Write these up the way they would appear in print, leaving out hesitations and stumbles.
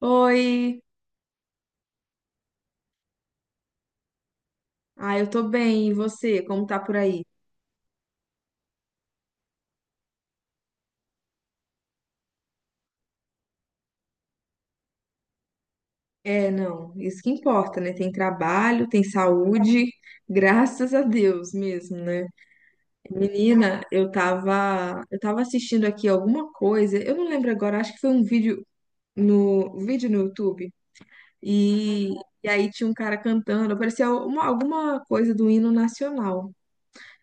Oi, eu tô bem, e você? Como tá por aí? É, não, isso que importa, né? Tem trabalho, tem saúde, graças a Deus mesmo, né? Menina, eu tava assistindo aqui alguma coisa, eu não lembro agora, acho que foi um vídeo no YouTube, e, e aí tinha um cara cantando, parecia alguma coisa do hino nacional.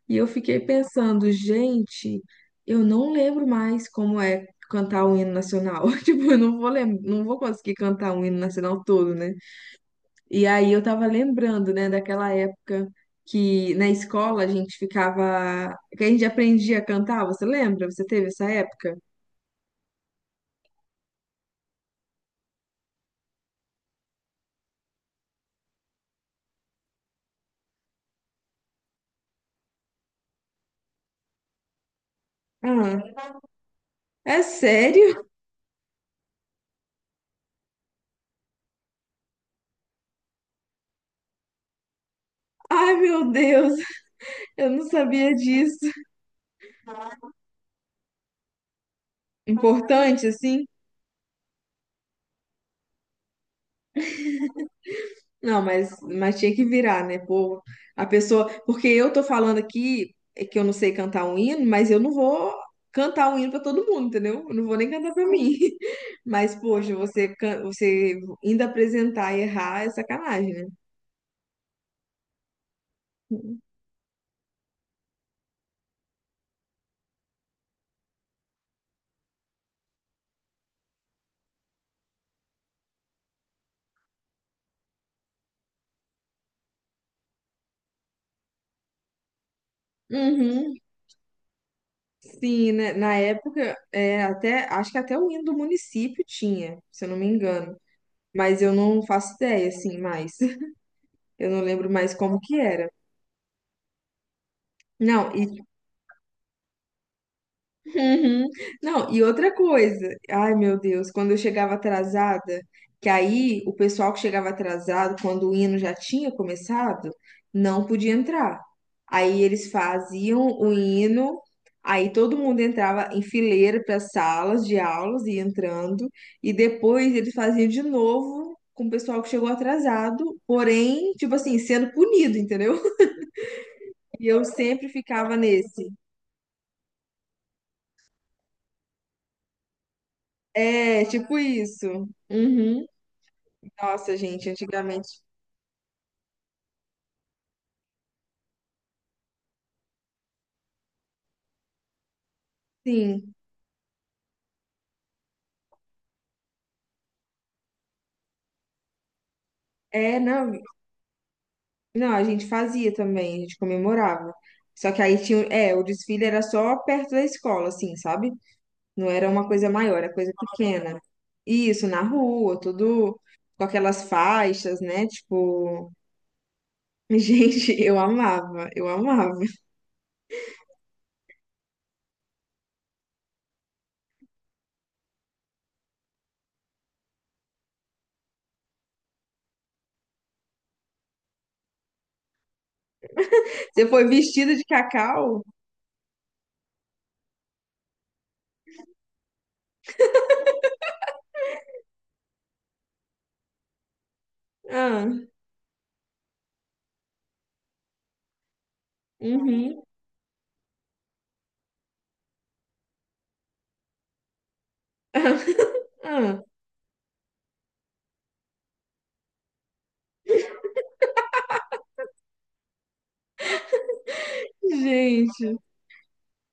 E eu fiquei pensando, gente, eu não lembro mais como é cantar o hino nacional. Tipo, eu não vou lem não vou conseguir cantar o hino nacional todo, né? E aí eu tava lembrando, né, daquela época que na escola que a gente aprendia a cantar, você lembra? Você teve essa época? Ah, é sério? Ai, meu Deus, eu não sabia disso. Importante, assim? Não, mas tinha que virar, né? Pô, a pessoa. Porque eu tô falando aqui é que eu não sei cantar um hino, mas eu não vou cantar um hino pra todo mundo, entendeu? Eu não vou nem cantar pra mim. Mas, poxa, você ainda apresentar e errar é sacanagem, né? Uhum, sim, né? Na época, é, até, acho que até o hino do município tinha, se eu não me engano. Mas eu não faço ideia, assim, mais. Eu não lembro mais como que era. Não, e uhum. Não, e outra coisa, ai meu Deus, quando eu chegava atrasada, que aí o pessoal que chegava atrasado, quando o hino já tinha começado, não podia entrar. Aí eles faziam o hino, aí todo mundo entrava em fileira para as salas de aulas e entrando, e depois eles faziam de novo com o pessoal que chegou atrasado, porém, tipo assim, sendo punido, entendeu? E eu sempre ficava nesse. É, tipo isso. Uhum. Nossa, gente, antigamente sim. É, não, não, a gente fazia também, a gente comemorava. Só que aí tinha, é, o desfile era só perto da escola, assim, sabe? Não era uma coisa maior, era coisa pequena. Isso, na rua, tudo com aquelas faixas, né? Tipo, gente, eu amava. Você foi vestido de cacau? Ah, uhum. Ah, gente.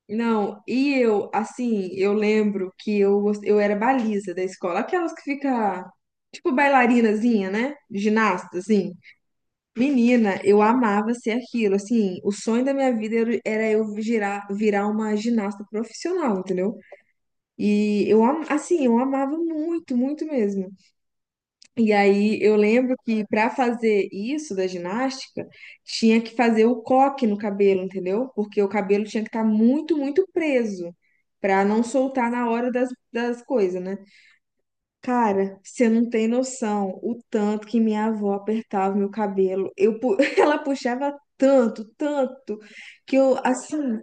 Não, e eu, assim, eu lembro que eu era baliza da escola, aquelas que fica, tipo, bailarinazinha, né? Ginasta, assim. Menina, eu amava ser aquilo, assim, o sonho da minha vida era eu virar uma ginasta profissional, entendeu? E eu, assim, eu amava muito, muito mesmo. E aí eu lembro que para fazer isso da ginástica, tinha que fazer o coque no cabelo, entendeu? Porque o cabelo tinha que estar muito, muito preso para não soltar na hora das coisas, né? Cara, você não tem noção o tanto que minha avó apertava meu cabelo. Ela puxava tanto, tanto, que eu assim,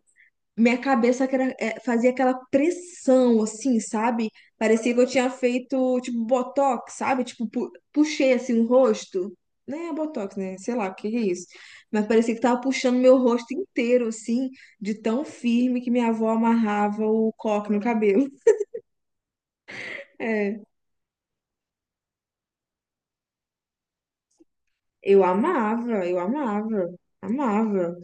minha cabeça é, fazia aquela pressão, assim, sabe? Parecia que eu tinha feito, tipo, botox, sabe? Tipo, puxei, assim, o rosto. Né botox, né? Sei lá, o que que é isso? Mas parecia que tava puxando meu rosto inteiro, assim, de tão firme que minha avó amarrava o coque no cabelo. É, eu amava, eu amava, amava.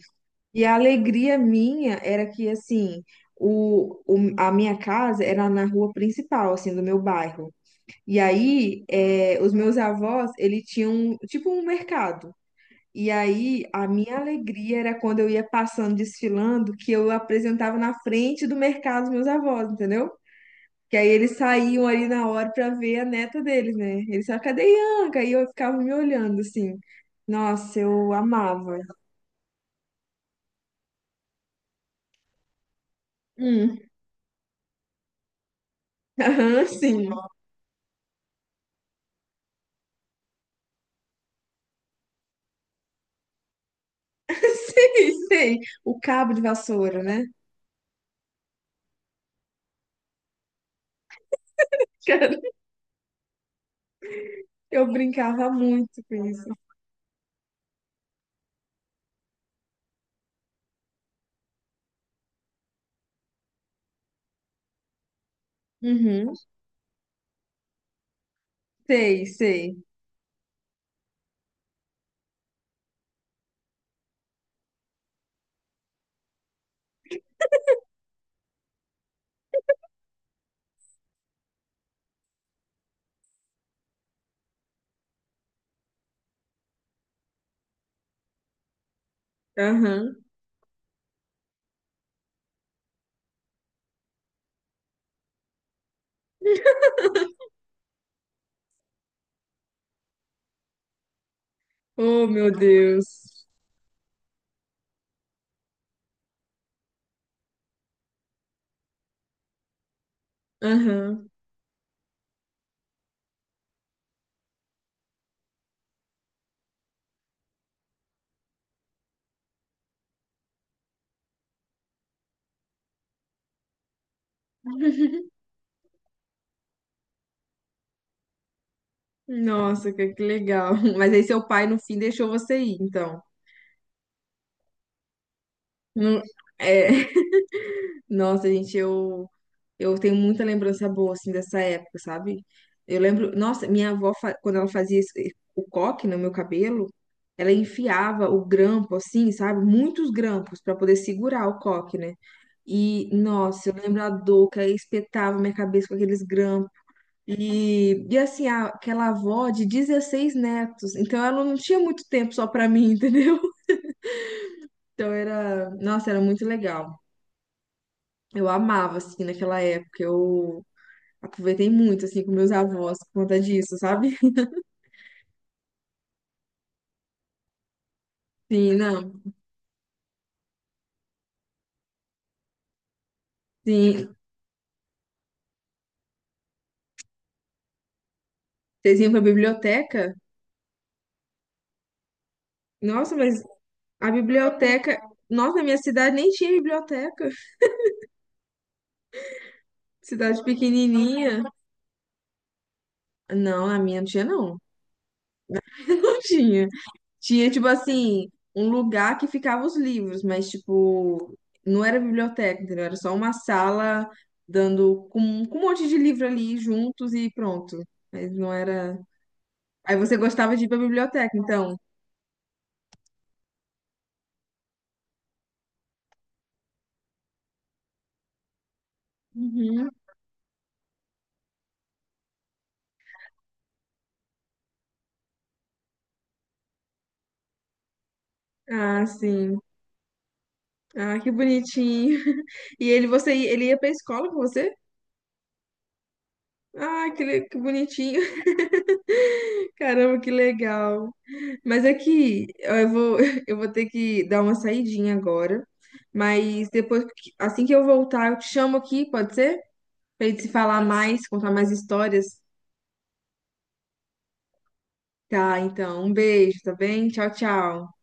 E a alegria minha era que, assim, a minha casa era na rua principal, assim, do meu bairro. E aí, é, os meus avós, ele tinham tipo um mercado. E aí, a minha alegria era quando eu ia passando, desfilando, que eu apresentava na frente do mercado os meus avós, entendeu? Que aí eles saíam ali na hora pra ver a neta deles, né? Eles falavam, cadê Ianca? Aí eu ficava me olhando, assim. Nossa, eu amava. Hum, aham, sim. Sei, sei. O cabo de vassoura, né? Eu brincava muito com isso. Uhum, sei, sei. Aham. Oh, meu Deus. Aham. Nossa, que legal. Mas aí seu pai, no fim, deixou você ir, então. Não, é... Nossa, gente, eu tenho muita lembrança boa, assim, dessa época, sabe? Eu lembro... Nossa, minha avó, quando ela fazia o coque no meu cabelo, ela enfiava o grampo, assim, sabe? Muitos grampos para poder segurar o coque, né? E, nossa, eu lembro a dor que aí espetava minha cabeça com aqueles grampos. E assim, aquela avó de 16 netos, então ela não tinha muito tempo só pra mim, entendeu? Então era, nossa, era muito legal. Eu amava, assim, naquela época. Eu aproveitei muito, assim, com meus avós por conta disso, sabe? Sim, não. Sim, vocês iam pra biblioteca? Nossa, mas a biblioteca. Nossa, na minha cidade nem tinha biblioteca. Cidade pequenininha. Não, a minha não tinha, não. Não tinha. Tinha, tipo assim, um lugar que ficava os livros, mas, tipo, não era biblioteca, entendeu? Era só uma sala dando com um monte de livro ali juntos e pronto. Mas não era. Aí você gostava de ir pra biblioteca, então. Uhum. Ah, sim. Ah, que bonitinho. E ele, você, ele ia pra escola com você? Ah, que, que bonitinho. Caramba, que legal. Mas aqui, eu vou, eu vou ter que dar uma saidinha agora. Mas depois, assim que eu voltar, eu te chamo aqui, pode ser? Pra gente se falar mais, contar mais histórias. Tá, então, um beijo, tá bem? Tchau, tchau.